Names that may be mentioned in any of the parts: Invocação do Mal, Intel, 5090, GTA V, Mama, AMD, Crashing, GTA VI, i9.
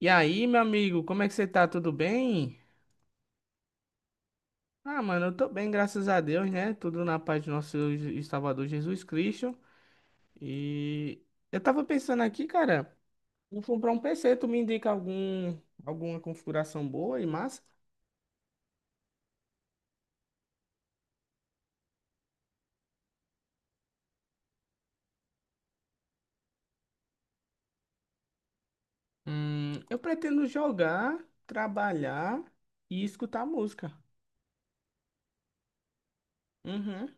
E aí, meu amigo, como é que você tá? Tudo bem? Ah, mano, eu tô bem, graças a Deus, né? Tudo na paz do nosso Salvador Jesus Cristo. E eu tava pensando aqui, cara, vou comprar um PC, tu me indica alguma configuração boa e massa? Eu pretendo jogar, trabalhar e escutar música. Uhum.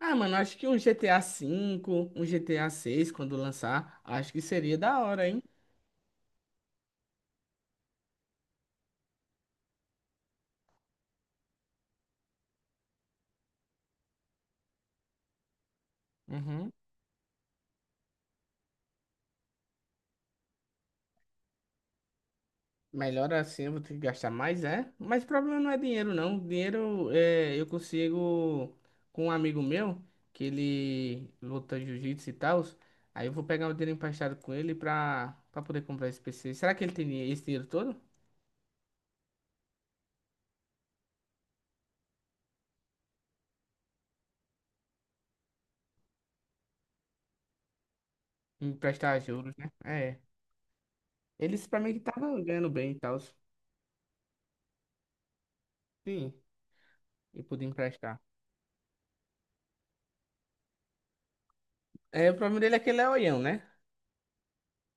Ah, mano, acho que um GTA V, um GTA 6, quando lançar, acho que seria da hora, hein? Uhum. Melhor assim, eu vou ter que gastar mais, é? Mas o problema não é dinheiro, não. Dinheiro é, eu consigo com um amigo meu, que ele luta jiu-jitsu e tal. Aí eu vou pegar o dinheiro emprestado com ele pra poder comprar esse PC. Será que ele tem esse dinheiro todo? Emprestar juros, né? É. Ele disse pra mim que tava ganhando bem e tal. Sim, e pude emprestar. É, o problema dele é que ele é oião, né?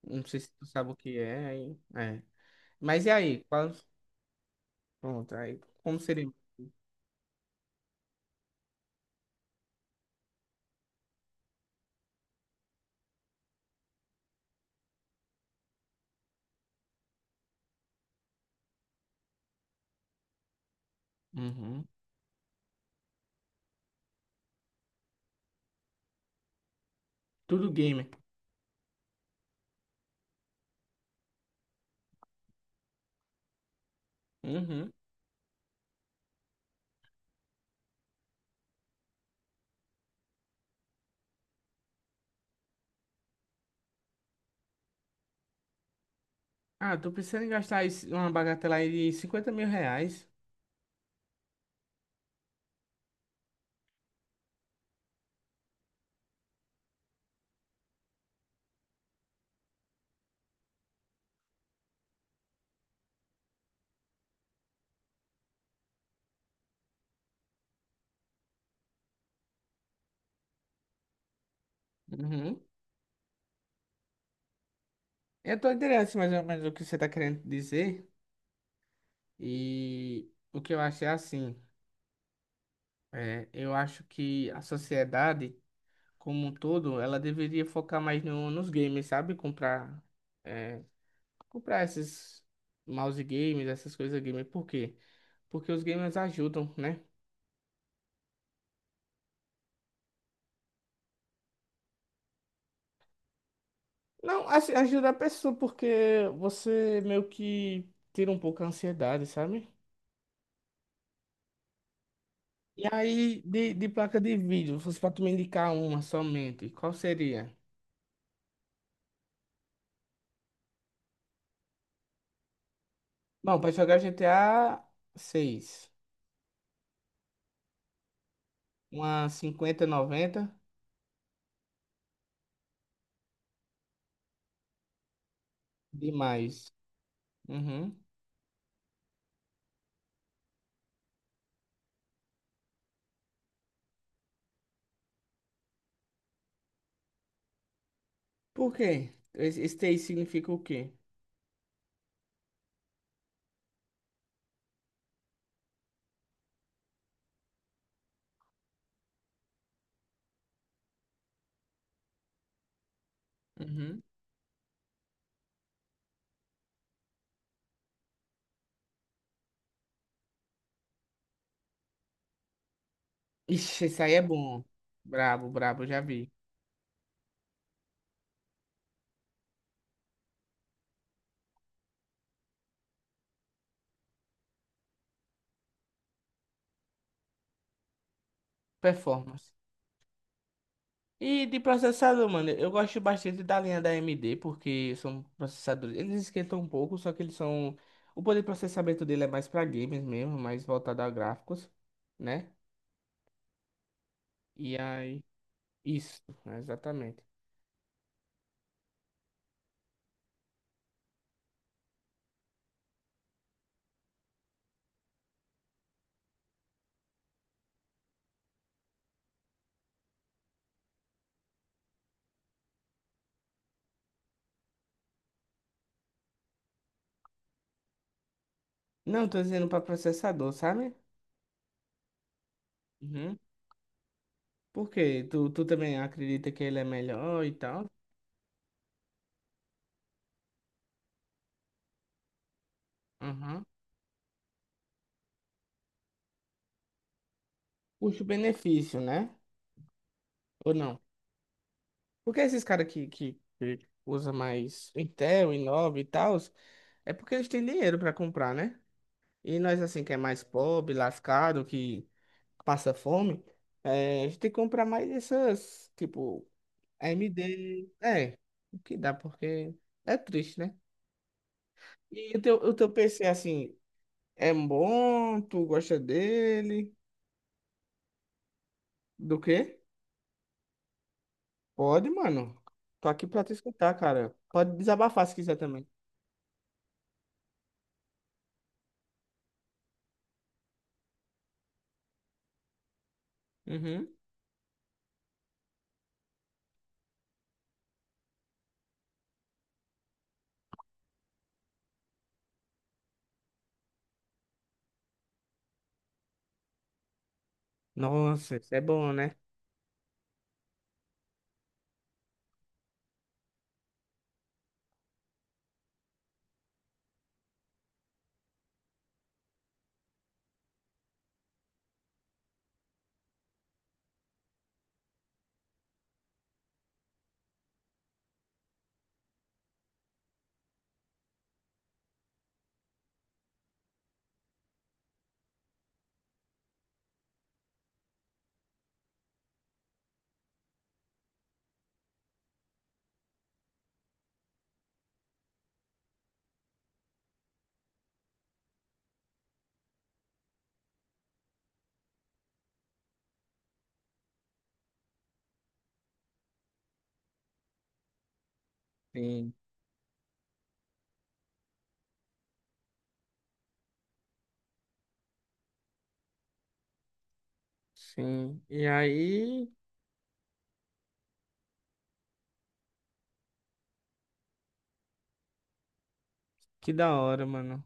Não sei se tu sabe o que é, aí. É. Mas e aí? Qual... Pronto, aí. Como seria? Uhum. Tudo gamer. Uhum. Ah, tô pensando em gastar uma bagatela aí de 50 mil reais. Uhum. Eu tô interessado mais ou menos o que você tá querendo dizer. E o que eu acho é assim. É, eu acho que a sociedade, como um todo, ela deveria focar mais no, nos games, sabe? É, comprar esses mouse games, essas coisas gamer. Por quê? Porque os gamers ajudam, né? Não, assim, ajuda a pessoa porque você meio que tira um pouco a ansiedade, sabe? E aí, de placa de vídeo, se fosse pra tu me indicar uma somente, qual seria? Bom, pra jogar GTA 6, uma 5090 demais. Uhum. Por quê? Esse TI significa o quê? Uhum. Ixi, esse aí é bom. Brabo, brabo, já vi. Performance. E de processador, mano, eu gosto bastante da linha da AMD, porque são processadores. Eles esquentam um pouco, só que eles são. O poder de processamento dele é mais pra games mesmo, mais voltado a gráficos, né? E aí. Isso, exatamente. Não, tô dizendo pra processador, sabe? Uhum. Por quê? Tu também acredita que ele é melhor e tal? Uhum. Custo-benefício, né? Ou não? Porque esses caras que usam mais Intel, i9 e tal, é porque eles têm dinheiro pra comprar, né? E nós, assim, que é mais pobre, lascado, que passa fome, a gente tem que comprar mais essas, tipo, AMD. É, o que dá, porque é triste, né? E o teu PC, assim, é bom? Tu gosta dele? Do quê? Pode, mano. Tô aqui pra te escutar, cara. Pode desabafar se quiser também. Uhum. Nossa, isso é bom, né? Sim, sim. E aí, que da hora, mano.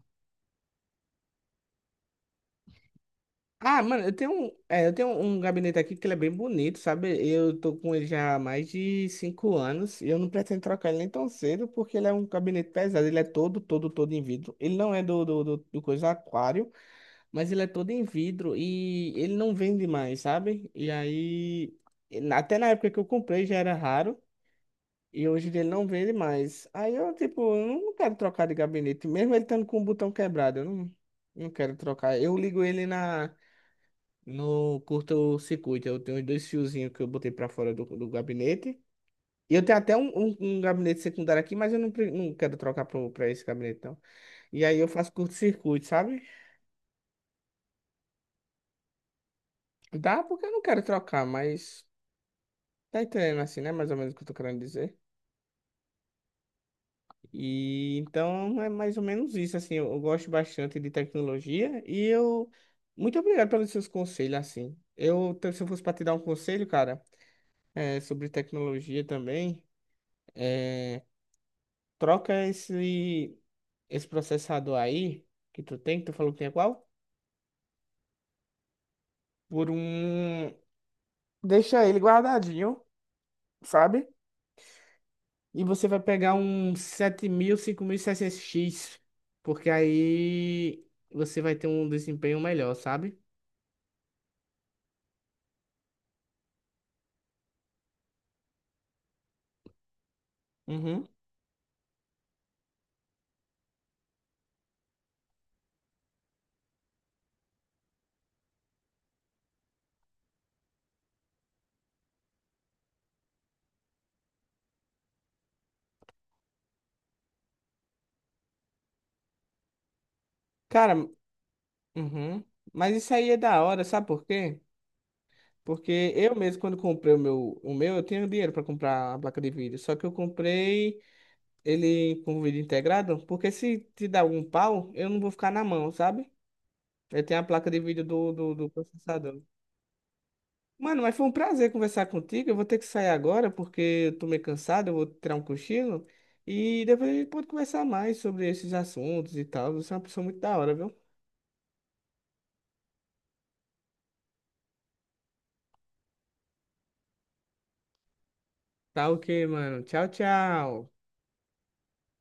Ah, mano, eu tenho, eu tenho um gabinete aqui que ele é bem bonito, sabe? Eu tô com ele já há mais de cinco anos e eu não pretendo trocar ele nem tão cedo porque ele é um gabinete pesado. Ele é todo em vidro. Ele não é do coisa aquário, mas ele é todo em vidro e ele não vende mais, sabe? E aí, e até na época que eu comprei já era raro e hoje em dia ele não vende mais. Aí eu, tipo, eu não quero trocar de gabinete, mesmo ele estando com o botão quebrado, eu não, não quero trocar. Eu ligo ele na. No curto-circuito, eu tenho dois fiozinhos que eu botei pra fora do gabinete. E eu tenho até um gabinete secundário aqui, mas eu não, pre- não quero trocar pra esse gabinete, não. E aí eu faço curto-circuito, sabe? Dá porque eu não quero trocar, mas tá entendendo assim, né? Mais ou menos o que eu tô querendo dizer. E então é mais ou menos isso, assim. Eu gosto bastante de tecnologia e eu. Muito obrigado pelos seus conselhos, assim. Eu, se eu fosse pra te dar um conselho, cara, é, sobre tecnologia também. é, Troca esse, esse processador aí que tu tem, que tu falou que é qual? Por um. Deixa ele guardadinho, sabe? E você vai pegar um 7000, 5600X, porque aí você vai ter um desempenho melhor, sabe? Uhum. Cara, uhum. Mas isso aí é da hora, sabe por quê? Porque eu mesmo, quando comprei o meu, eu tinha dinheiro para comprar a placa de vídeo. Só que eu comprei ele com o vídeo integrado, porque se te dar algum pau, eu não vou ficar na mão, sabe? Eu tenho a placa de vídeo do processador. Mano, mas foi um prazer conversar contigo. Eu vou ter que sair agora porque eu tô meio cansado, eu vou tirar um cochilo. E depois a gente pode conversar mais sobre esses assuntos e tal. Você é uma pessoa muito da hora, viu? Tá ok, mano. Tchau, tchau.